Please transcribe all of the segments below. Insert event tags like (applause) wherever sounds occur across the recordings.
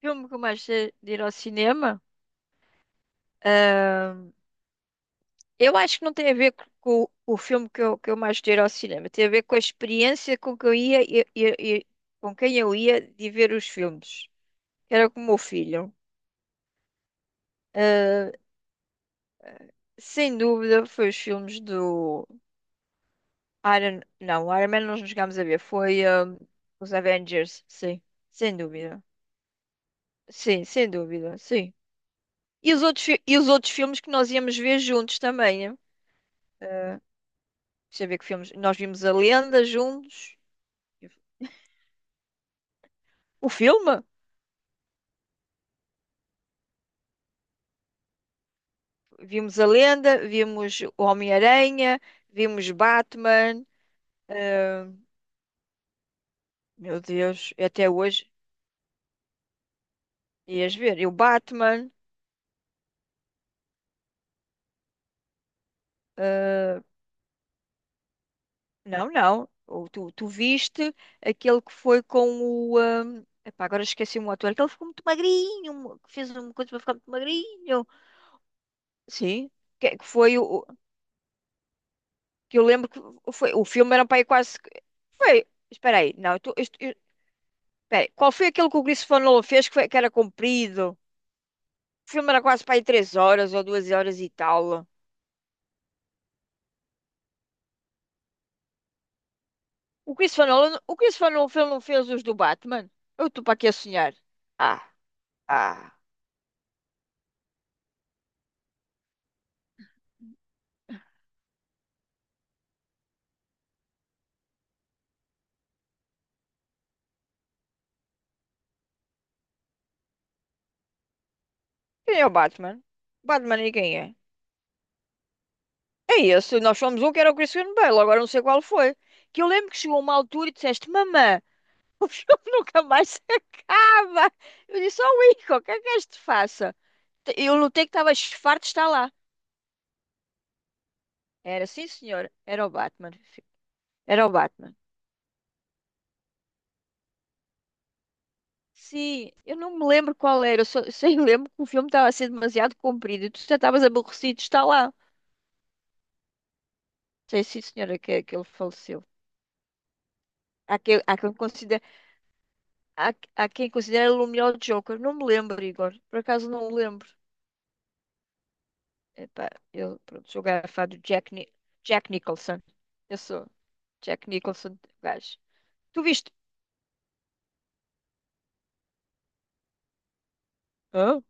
Filme que eu mais gostei de ir ao cinema. Ahn, eu acho que não tem a ver com o filme que eu mais gostei de ir ao cinema. Tem a ver com a experiência com que eu ia com quem eu ia de ver os filmes. Era com o meu filho. Ahn, Sem dúvida, foi os filmes do Iron. Não, Iron Man nós não chegámos a ver. Foi os Avengers, sim. Sem dúvida. Sim, sem dúvida, sim. E os outros filmes que nós íamos ver juntos também, né? Deixa eu ver que filmes. Nós vimos a Lenda juntos. O filme? Vimos a Lenda, vimos o Homem-Aranha, vimos Batman. Ah, meu Deus, até hoje ias ver. E o Batman. Ah, não, não. Tu viste aquele que foi com o. Ah, epá, agora esqueci-me o ator. Aquele que ficou muito magrinho, que fez uma coisa para ficar muito magrinho. Sim. Que foi o. Que eu lembro que foi. O filme era para aí quase. Foi. Espera aí, não, eu, peraí, qual foi aquele que o Christopher Nolan fez que era comprido? O filme era quase para aí 3 horas ou 2 horas e tal. O Christopher Nolan não fez os do Batman? Eu estou para aqui a sonhar. Ah, ah. Quem é o Batman? Batman e quem é? É esse. Nós somos um que era o Christian Bale. Agora não sei qual foi. Que eu lembro que chegou uma altura e disseste: Mamã, o filme (laughs) nunca mais se acaba. Eu disse: Oh, Ico, o que é que este faça? Eu notei que estava farto de estar lá. Era, sim, senhor. Era o Batman. Era o Batman. Sim, eu não me lembro qual era, eu só me (laughs) lembro que o filme estava a ser demasiado comprido e tu já estavas aborrecido, de estar lá. Sei sim, senhora, que ele faleceu. Há quem, há quem considera, há quem considera ele o melhor Joker. Não me lembro, Igor. Por acaso não me lembro. Epá, eu pronto, sou garrafado de Jack Nicholson. Eu sou Jack Nicholson, gajo. Tu viste? Hã?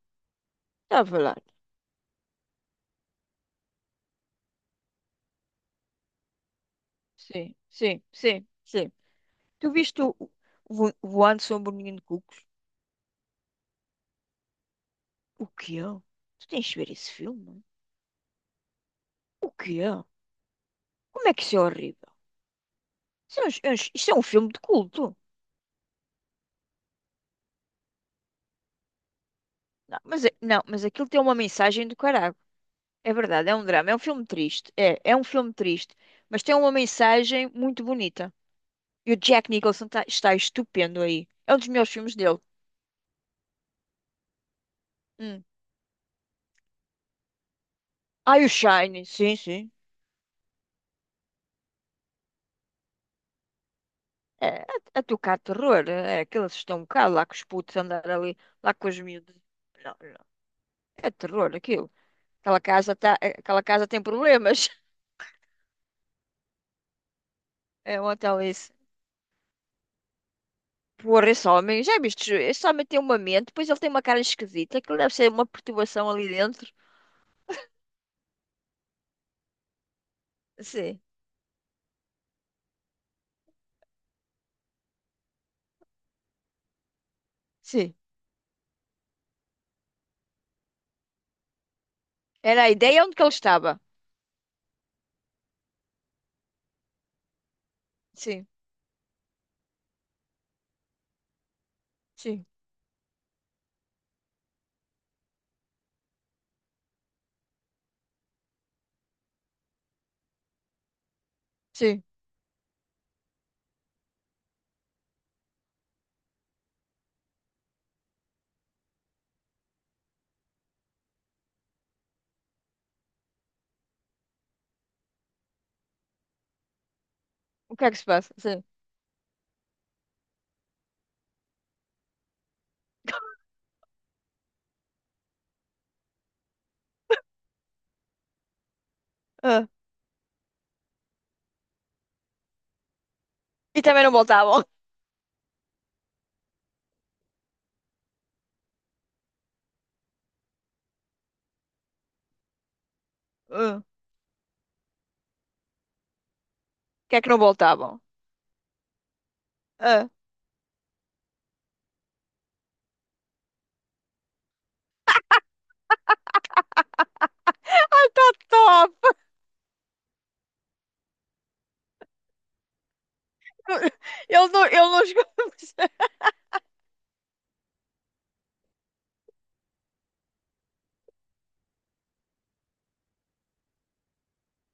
Estava lá. Sim, sim, sim, sim. Tu viste o Voando sobre o Menino de Cucos? O que é? Tu tens de ver esse filme? O quê? Como é que isso é horrível? Isso é um filme de culto. Não, mas aquilo tem uma mensagem do caralho. É verdade, é um drama, é um filme triste. É um filme triste, mas tem uma mensagem muito bonita. E o Jack Nicholson está estupendo aí. É um dos melhores filmes dele. Hum. Ah, e o Shine, sim, sim. É, a tocar terror. É, aqueles estão um bocado lá com os putos a andar ali, lá com os miúdos. Não, não. É terror aquilo. Aquela casa, tá, é, aquela casa tem problemas. (laughs) É um hotel isso. Porra, esse homem, já viste? Esse homem tem uma mente, depois ele tem uma cara esquisita, aquilo deve ser uma perturbação ali dentro. Sim, sim. Era a ideia onde que ele estava. Sim, sim, sim. O que é que se passa? Sim. Ah. E também não voltavam. Ah. O que é que não voltavam? Ah. Tá top! (laughs) Ele não chegou a perceber.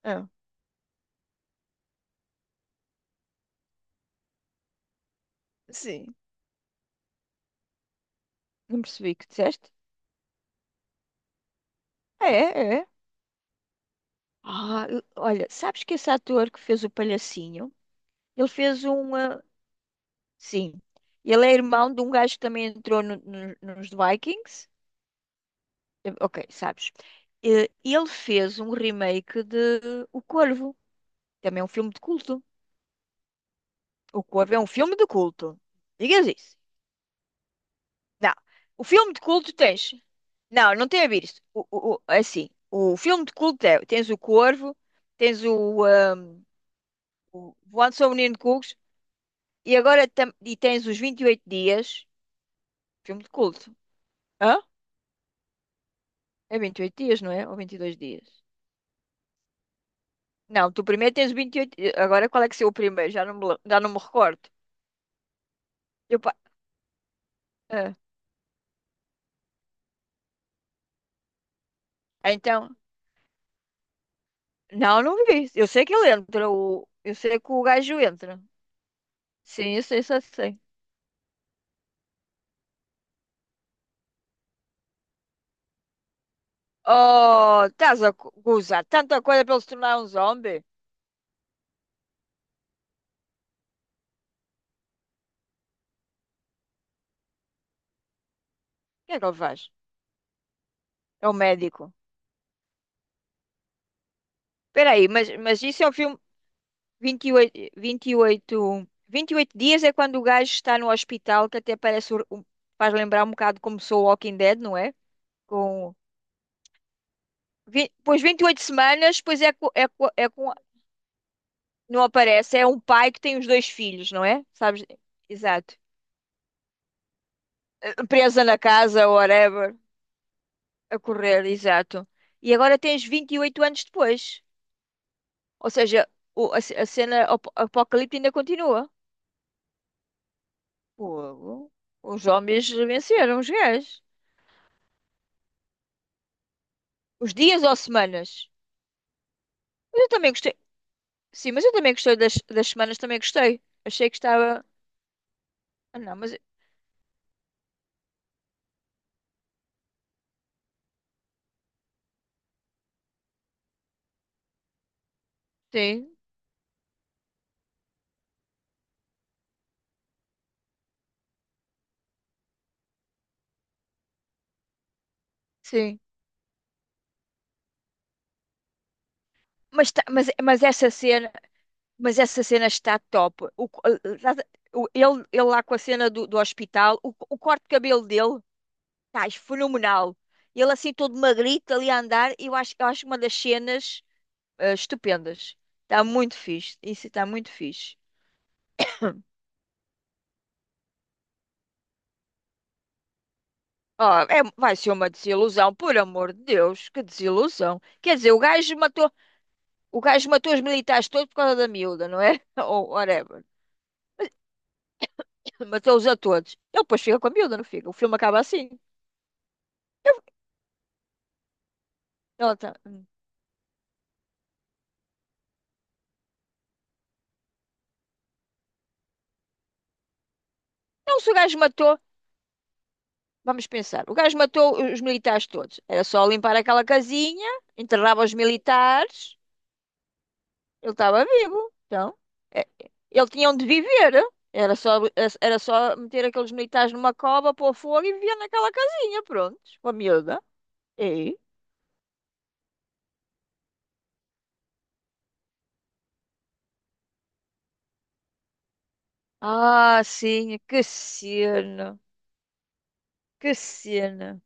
(laughs) Ah. Sim. Não percebi o que disseste? É, é. Ah, olha, sabes que esse ator que fez o palhacinho, ele fez um. Sim. Ele é irmão de um gajo que também entrou nos Vikings. Eh, OK, sabes. Eh, ele fez um remake de O Corvo. Também é um filme de culto. O Corvo é um filme de culto. Digas isso. Não. O filme de culto tens. Não, não tem a ver isso. É assim, o filme de culto é, tens o Corvo, tens o Voando sobre o Ninho de Cucos e agora e tens os 28 dias. Filme de culto. Hã? É 28 dias, não é? Ou 22 dias? Não, tu primeiro tens vinte e- oito. Eh, agora qual é que é o primeiro? Já não já não me recordo. Eu, pa- então, não, não vi. Eu sei que ele entra. Eu sei que o gajo entra. Sim, eu sei, só sei. Oh, estás a gozar tanta coisa para ele se tornar um zombie? O que é que ele faz? É o médico. Espera aí, mas isso é o filme vinte vinte e oito vinte e oito vinte e oito dias é quando o gajo está no hospital, que até parece, faz lembrar um bocado como sou o Walking Dead, não é? Com, pois 28 semanas, pois é, é com. Não aparece, é um pai que tem os dois filhos, não é? Sabes? Exato. Presa na casa, whatever, a correr, exato. E agora tens 28 anos depois. Ou seja, a cena apocalipse ainda continua. Fogo. Os homens venceram, os gajos. Os dias ou semanas? Mas eu também gostei. Sim, mas eu também gostei das semanas, também gostei. Achei que estava. Ah, não, mas. Sim, sim. Mas essa cena. Mas essa cena está top. O co- estás o- ele lá com a cena do hospital, o corte de cabelo dele, tá, é fenomenal. Ele assim todo magrito ali a andar, eu acho uma das cenas eh, estupendas. Está muito fixe. Isso está muito fixe. Vai ser uma desilusão, por amor de Deus, que desilusão. Quer dizer, o gajo matou os militares todos por causa da miúda, não é? (laughs) Ou whatever. Matou-os a todos. Ele depois fica com a miúda, não fica? O filme acaba assim. Ela tá: "Hum." Não, se o gajo matou. Vamos pensar. O gajo matou os militares todos. Era só limpar aquela casinha, enterrava os militares, ele estava vivo. Então, é- ele tinha onde viver. Era só, era só meter aqueles militares numa cova, pôr fogo e vivia naquela casinha, pronto, com a miúda. E? Ah, sim, que cena, que cena.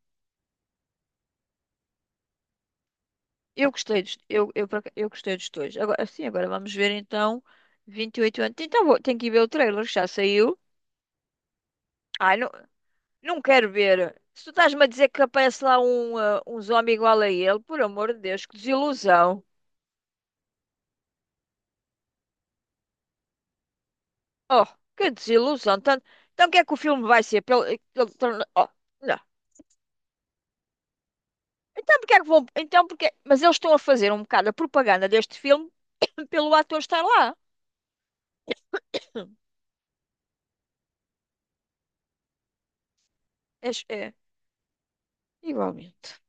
Eu gostei dos, eu, por aca- Eu gostei dos dois. Agora, sim, agora vamos ver então 28 anos. Então, vou, tenho que ir ver o trailer, que já saiu. Ai, não. Não quero ver. Se tu estás-me a dizer que aparece lá um zombie igual a ele, por amor de Deus, que desilusão. Oh, que desilusão. Então, o que é que o filme vai ser? Pelo- torna- oh, não. Então, porque é que vão. Então, porque... Mas eles estão a fazer um bocado a propaganda deste filme (coughs) pelo ator estar lá. (coughs) É igualmente.